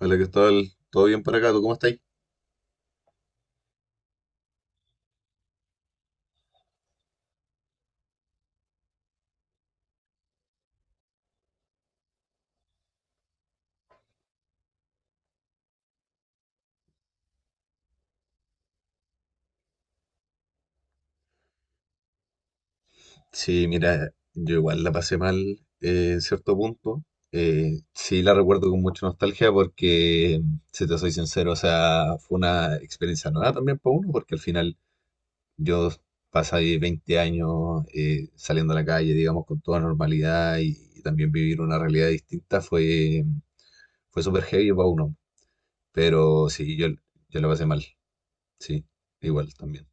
Hola, Cristóbal. ¿Todo bien por acá? ¿Tú cómo estás? Sí, mira, yo igual la pasé mal en cierto punto. Sí, la recuerdo con mucha nostalgia porque, si te soy sincero, o sea, fue una experiencia nueva también para uno, porque al final yo pasé 20 años saliendo a la calle, digamos, con toda normalidad y también vivir una realidad distinta fue, fue súper heavy para uno. Pero sí, yo la pasé mal, sí, igual también.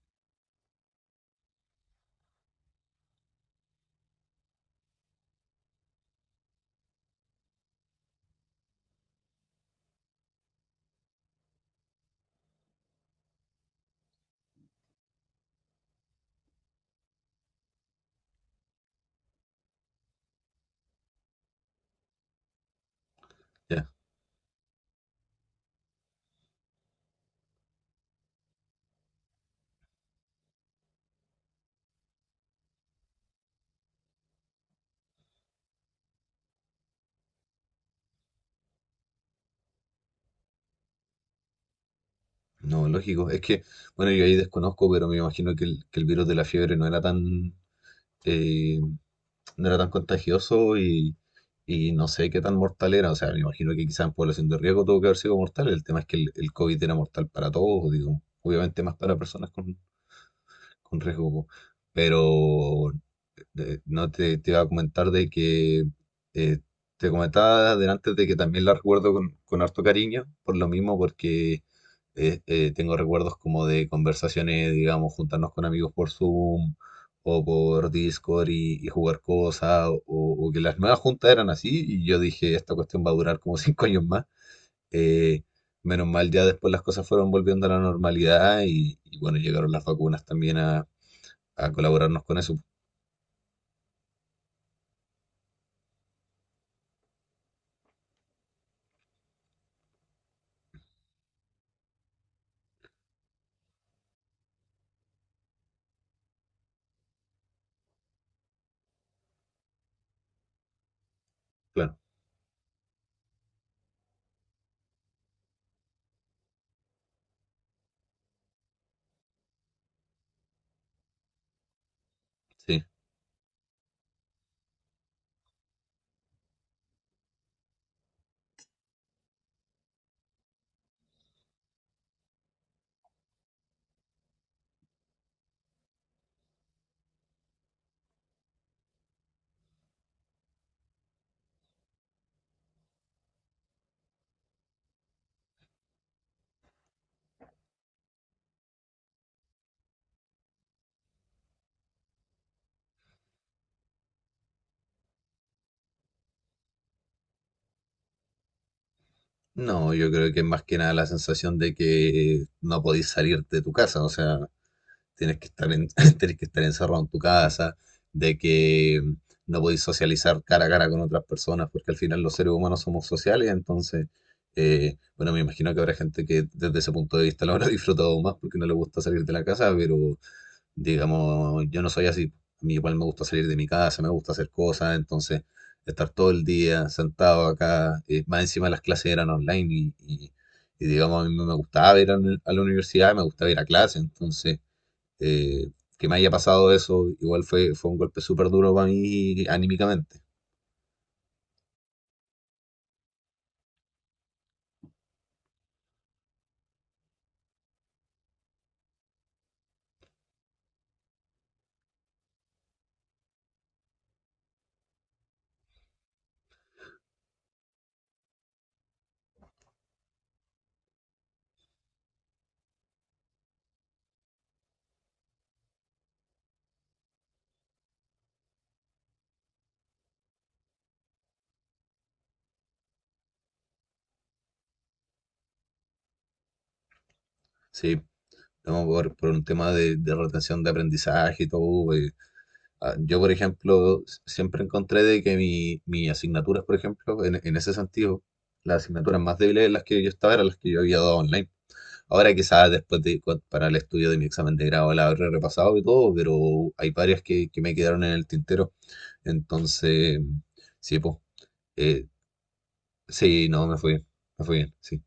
No, lógico. Es que, bueno, yo ahí desconozco, pero me imagino que que el virus de la fiebre no era tan, eh, no era tan contagioso y no sé qué tan mortal era. O sea, me imagino que quizás en población de riesgo tuvo que haber sido mortal. El tema es que el COVID era mortal para todos, digo, obviamente más para personas con riesgo, pero no te, te iba a comentar de que eh, te comentaba delante de que también la recuerdo con harto cariño, por lo mismo, porque tengo recuerdos como de conversaciones, digamos, juntarnos con amigos por Zoom o por Discord y jugar cosas, o que las nuevas juntas eran así, y yo dije, esta cuestión va a durar como 5 años más. Eh, Menos mal, ya después las cosas fueron volviendo a la normalidad y bueno, llegaron las vacunas también a colaborarnos con eso, claro, sí. No, yo creo que es más que nada la sensación de que no podís salir de tu casa, o sea, tienes que estar en, tienes que estar encerrado en tu casa, de que no podís socializar cara a cara con otras personas, porque al final los seres humanos somos sociales, entonces, bueno, me imagino que habrá gente que desde ese punto de vista lo habrá disfrutado más porque no le gusta salir de la casa, pero digamos, yo no soy así. A mí igual me gusta salir de mi casa, me gusta hacer cosas, entonces estar todo el día sentado acá, más encima las clases eran online y, digamos, a mí no me gustaba ir a, a la universidad, me gustaba ir a clase, entonces eh, que me haya pasado eso, igual fue, fue un golpe súper duro para mí anímicamente, sí, no, por un tema de retención de aprendizaje y todo, Yo, por ejemplo, siempre encontré de que mi, mis asignaturas, por ejemplo, en ese sentido, las asignaturas más débiles en las que yo estaba eran las que yo había dado online. Ahora quizás después de, para el estudio de mi examen de grado la habré repasado y todo, pero hay varias que me quedaron en el tintero. Entonces, sí, pues, sí, no, me fue bien, sí.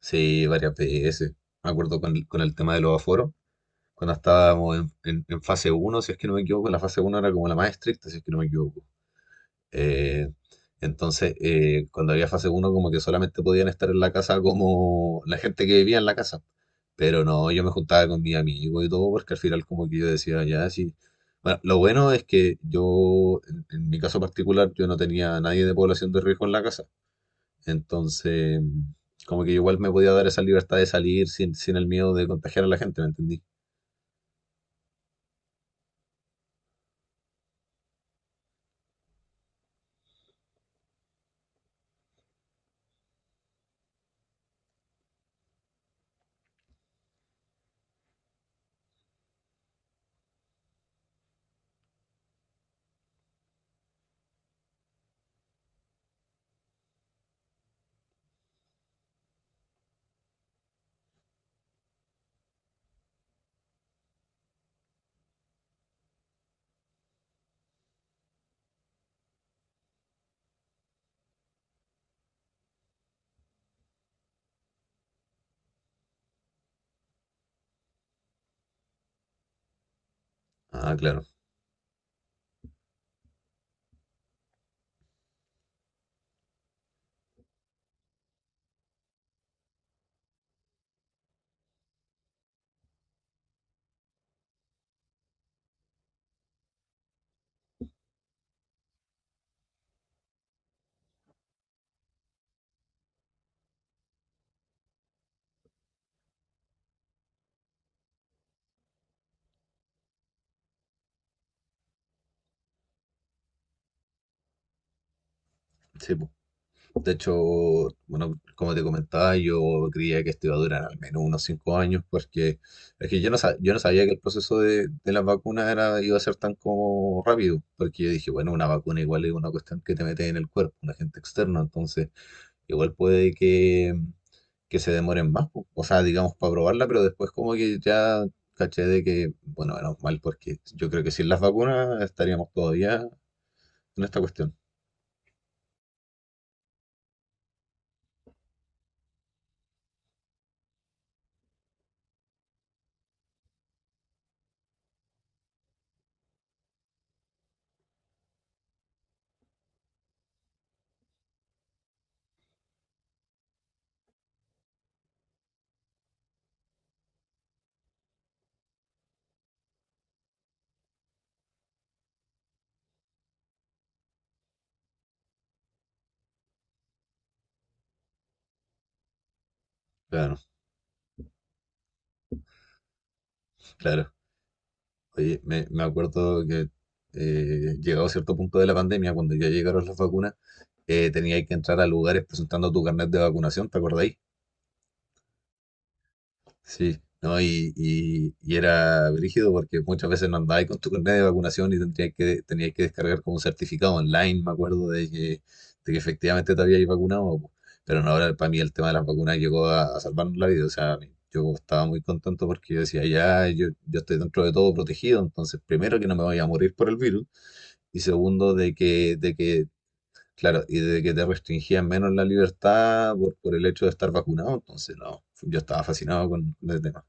Sí, varias veces. Me acuerdo con el tema de los aforos, cuando estábamos en, en fase uno si es que no me equivoco, la fase uno era como la más estricta, si es que no me equivoco. Eh, entonces, cuando había fase uno como que solamente podían estar en la casa como la gente que vivía en la casa. Pero no, yo me juntaba con mi amigo y todo, porque al final como que yo decía, ya, sí. Bueno, lo bueno es que yo, en mi caso particular, yo no tenía a nadie de población de riesgo en la casa. Entonces, como que igual me podía dar esa libertad de salir sin, sin el miedo de contagiar a la gente, ¿me entendí? Ah, claro. Sí, po. De hecho, bueno, como te comentaba, yo creía que esto iba a durar al menos unos 5 años, porque es que yo no, yo no sabía que el proceso de las vacunas era, iba a ser tan como rápido, porque yo dije, bueno, una vacuna igual es una cuestión que te metes en el cuerpo, un agente externo, entonces igual puede que se demoren más, po. O sea, digamos, para probarla, pero después como que ya caché de que, bueno, menos mal, porque yo creo que sin las vacunas estaríamos todavía en esta cuestión. Claro, claro. Oye, me acuerdo que llegado a cierto punto de la pandemia, cuando ya llegaron las vacunas, tenía que entrar a lugares presentando tu carnet de vacunación, ¿te acordáis? Sí, ¿no? Y era brígido porque muchas veces no andabas con tu carnet de vacunación y tendrías que, tenías que descargar como un certificado online, me acuerdo, de que efectivamente te habías vacunado. Po. Pero no, ahora para mí el tema de las vacunas llegó a salvarnos la vida. O sea, a mí- yo estaba muy contento porque yo decía, ya, yo estoy dentro de todo protegido, entonces primero que no me voy a morir por el virus. Y segundo, de que, claro, y de que te restringían menos la libertad por el hecho de estar vacunado, entonces no, yo estaba fascinado con el tema.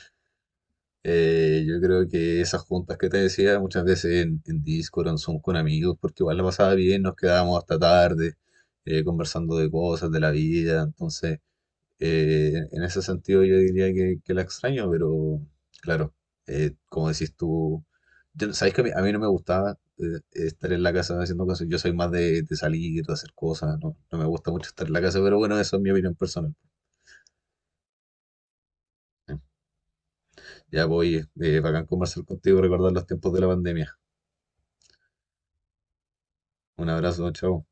Yo creo que esas juntas que te decía, muchas veces en Discord, en Zoom con amigos, porque igual la pasaba bien, nos quedábamos hasta tarde conversando de cosas, de la vida, entonces en ese sentido yo diría que la extraño, pero claro, como decís tú, yo, sabéis que a mí no me gustaba estar en la casa haciendo cosas, yo soy más de salir, de hacer cosas, no, no me gusta mucho estar en la casa, pero bueno, eso es mi opinión personal. Ya voy, bacán conversar contigo, recordar los tiempos de la pandemia. Un abrazo, chao.